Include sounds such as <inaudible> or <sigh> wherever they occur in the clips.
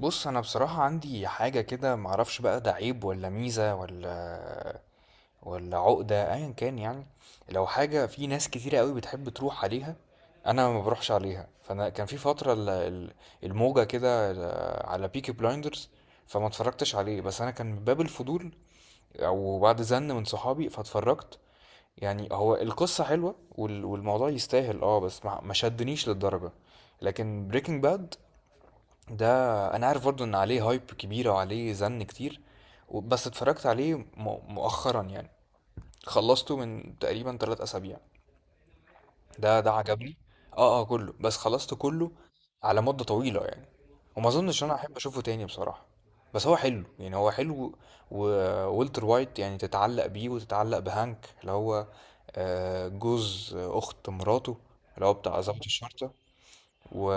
بص، انا بصراحة عندي حاجة كده معرفش بقى ده عيب ولا ميزة ولا عقدة ايا كان، يعني. لو حاجة في ناس كتيرة قوي بتحب تروح عليها انا ما بروحش عليها. فانا كان في فترة الموجة كده على بيكي بلايندرز فما اتفرجتش عليه. بس انا كان من باب الفضول او بعد زن من صحابي فاتفرجت. يعني هو القصة حلوة والموضوع يستاهل، بس ما شدنيش للدرجة. لكن بريكنج باد ده انا عارف برضو ان عليه هايب كبيره وعليه زن كتير، بس اتفرجت عليه مؤخرا يعني. خلصته من تقريبا 3 اسابيع. ده عجبني. اه اه، كله، بس خلصته كله على مده طويله يعني. وما اظنش إن انا احب اشوفه تاني بصراحه. بس هو حلو يعني، هو حلو. وولتر وايت يعني تتعلق بيه وتتعلق بهانك اللي هو، جوز اخت مراته، اللي هو بتاع ضابط الشرطه. و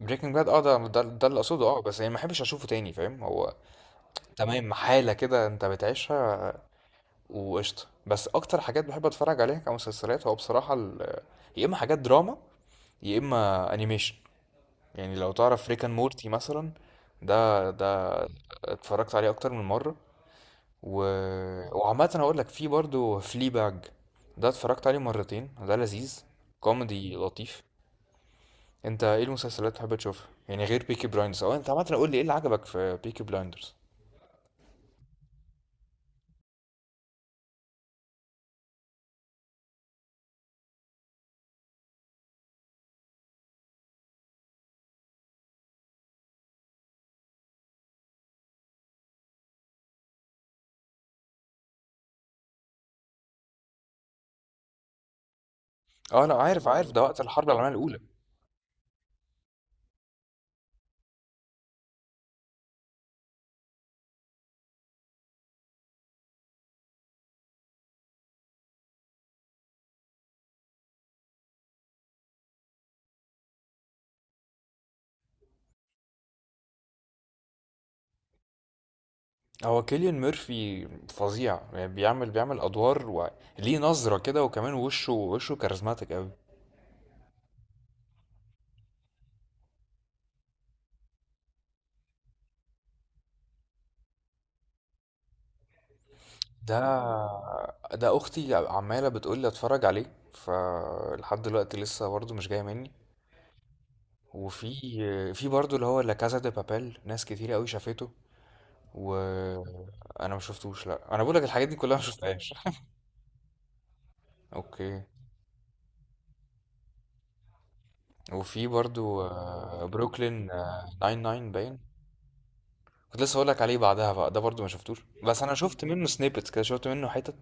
بريكنج باد، اه، ده اللي اقصده، اه، بس يعني ما احبش اشوفه تاني، فاهم. هو تمام حاله كده انت بتعيشها وقشطه. بس اكتر حاجات بحب اتفرج عليها كمسلسلات هو بصراحه، يا اما حاجات دراما يا اما انيميشن. يعني لو تعرف ريكان مورتي مثلا، ده اتفرجت عليه اكتر من مره. و... وعامه هقول لك في برضو فلي باج. ده اتفرجت عليه مرتين، ده لذيذ، كوميدي لطيف. انت ايه المسلسلات اللي بتحب تشوفها يعني غير بيكي بلايندرز؟ او انت عامه قول لي ايه اللي عجبك في بيكي بلايندرز. اه انا عارف، عارف ده وقت الحرب العالميه الاولى. هو كيليان ميرفي فظيع يعني، بيعمل ادوار وليه نظره كده، وكمان وشه كاريزماتيك قوي. ده ده اختي عماله بتقول لي اتفرج عليه فلحد دلوقتي لسه برضه مش جايه مني. وفي في برضه اللي هو لا كازا دي بابيل، ناس كتير قوي شافته وانا ما شفتوش. لا انا بقول لك الحاجات دي كلها ما شفتهاش. <laughs> اوكي. وفي برضه، بروكلين 99 باين. كنت لسه هقولك عليه بعدها بقى، ده برضو ما شفتوش بس انا شفت منه سنيبتس كده، شفت منه حتت.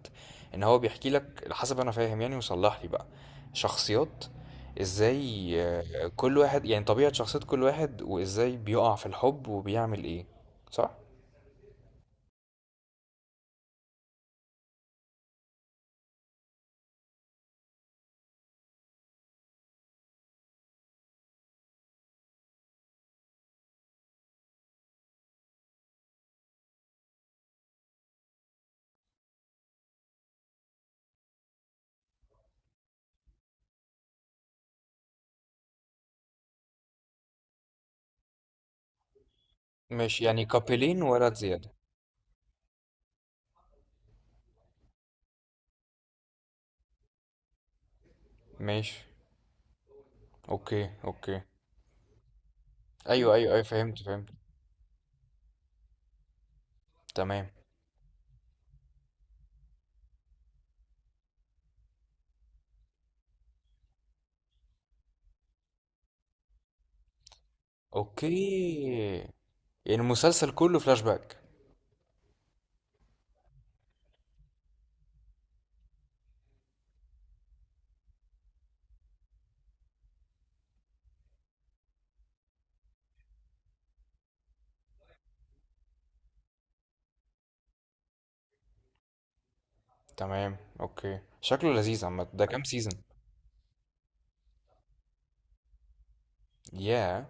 ان هو بيحكي لك، على حسب انا فاهم يعني وصلح لي بقى، شخصيات ازاي، كل واحد يعني طبيعة شخصية كل واحد وازاي بيقع في الحب وبيعمل ايه، صح؟ ماشي يعني كابلين ولد زيادة. ماشي، اوكي اوكي. ايوه ايوه ايوه، فهمت فهمت. تمام اوكي. يعني المسلسل كله فلاش باك. تمام اوكي، شكله لذيذ عامة. ده كام سيزون؟ ياه،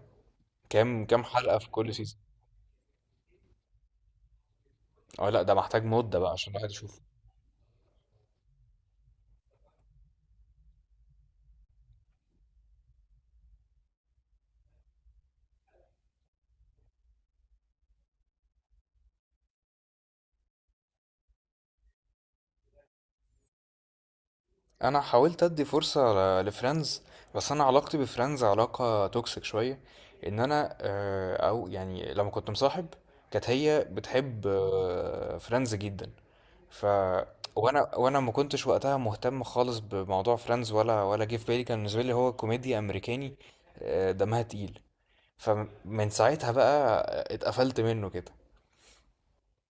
كام كام حلقة في كل سيزون؟ اه لا ده محتاج مدة بقى عشان الواحد يشوفه. انا حاولت ادي فرصة لفريندز، بس انا علاقتي بفريندز علاقة توكسيك شوية. ان انا، او يعني لما كنت مصاحب كانت هي بتحب فريندز جدا. ف وانا ما كنتش وقتها مهتم خالص بموضوع فريندز، ولا جه في بالي. كان بالنسبة لي هو كوميديا امريكاني، دمها تقيل. فمن ساعتها بقى اتقفلت منه كده.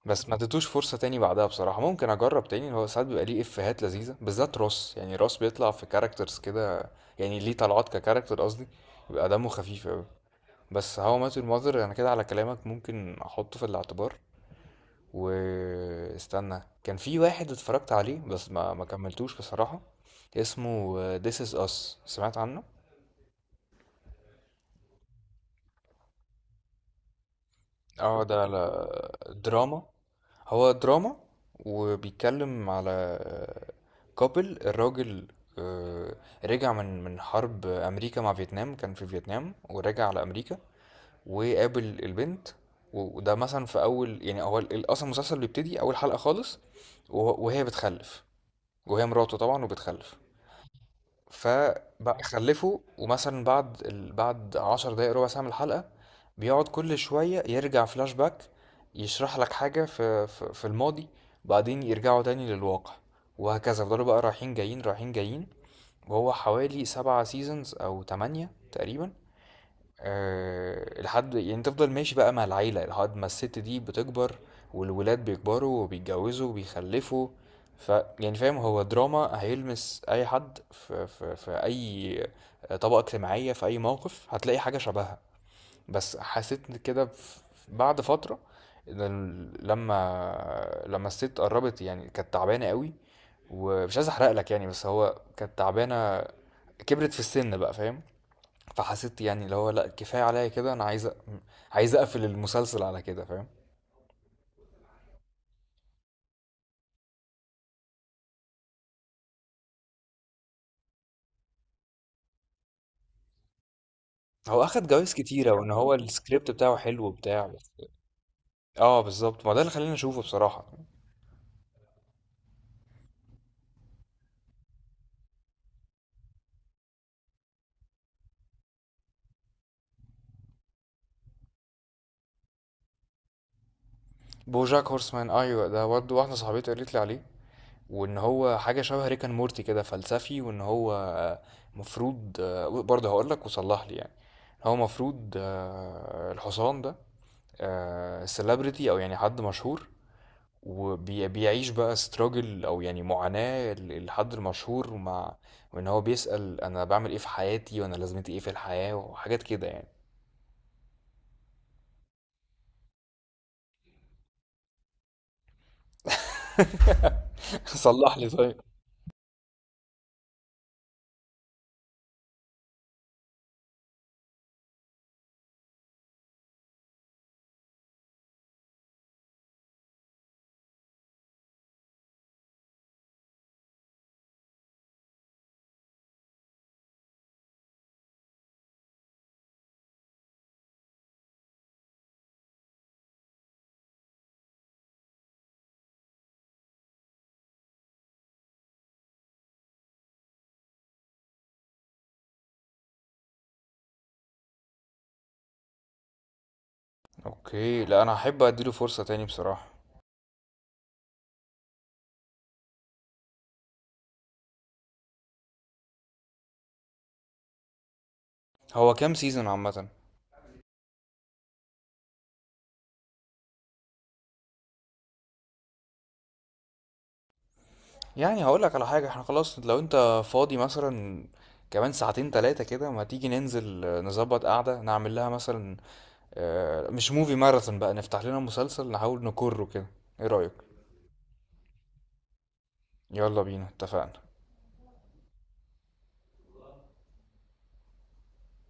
بس ما اديتوش فرصة تاني بعدها بصراحة. ممكن اجرب تاني، هو ساعات بيبقى ليه افيهات لذيذة بالذات روس، يعني روس بيطلع في كاركترز كده يعني ليه طلعات ككاركتر قصدي، بيبقى دمه خفيف اوي. بس هاو مات يور ماذر انا كده على كلامك ممكن احطه في الاعتبار. واستنى، كان في واحد اتفرجت عليه بس ما كملتوش بصراحة، اسمه This is Us. سمعت عنه؟ اه ده على دراما، هو دراما. وبيتكلم على كابل، الراجل، آه، رجع من حرب امريكا مع فيتنام، كان في فيتنام ورجع على امريكا وقابل البنت. وده مثلا في اول، يعني هو اصلا المسلسل بيبتدي اول حلقة خالص وهي بتخلف، وهي مراته طبعا وبتخلف. فبقى تمام خلفه، ومثلا بعد بعد 10 دقايق ربع ساعة من الحلقة بيقعد كل شوية يرجع فلاش باك، يشرح لك حاجة في الماضي. وبعدين يرجعوا تاني للواقع وهكذا، فضلوا بقى رايحين جايين رايحين جايين. وهو حوالي 7 سيزونز أو 8 تقريبا. أه، لحد يعني، تفضل ماشي بقى مع العيلة لحد ما الست دي بتكبر والولاد بيكبروا وبيتجوزوا وبيخلفوا. ف يعني فاهم هو دراما هيلمس أي حد في أي طبقة اجتماعية، في أي موقف هتلاقي حاجة شبهها. بس حسيت كده بعد فترة إن لما الست قربت يعني كانت تعبانة قوي. ومش عايز أحرق لك يعني، بس هو كانت تعبانة، كبرت في السن بقى، فاهم؟ فحسيت يعني اللي هو لا كفايه عليا كده، انا عايز عايز اقفل المسلسل على كده، فاهم. هو اخد جوائز كتيره وان هو السكريبت بتاعه حلو وبتاع، بس اه بالظبط، ما ده اللي خلاني اشوفه بصراحه. بوجاك هورسمان، ايوه ده برضه واحده صاحبتي قالت لي عليه، وان هو حاجه شبه ريكان مورتي كده فلسفي، وان هو مفروض، برضه هقول لك وصلح لي يعني. هو مفروض، الحصان ده السليبرتي او يعني حد مشهور، وبيعيش بقى استراجل او يعني معاناة الحد المشهور مع. وان هو بيسأل انا بعمل ايه في حياتي وانا لازمتي ايه في الحياة وحاجات كده يعني. <laughs> صلح لي طيب. اوكي لا انا هحب اديله فرصة تاني بصراحة. هو كام سيزون عامة؟ يعني هقول لك على حاجة، احنا خلاص لو انت فاضي مثلا كمان ساعتين تلاتة كده، ما تيجي ننزل، نظبط قعدة، نعمل لها مثلا مش موفي ماراثون بقى، نفتح لنا مسلسل نحاول نكره كده. ايه رأيك؟ يلا بينا، اتفقنا.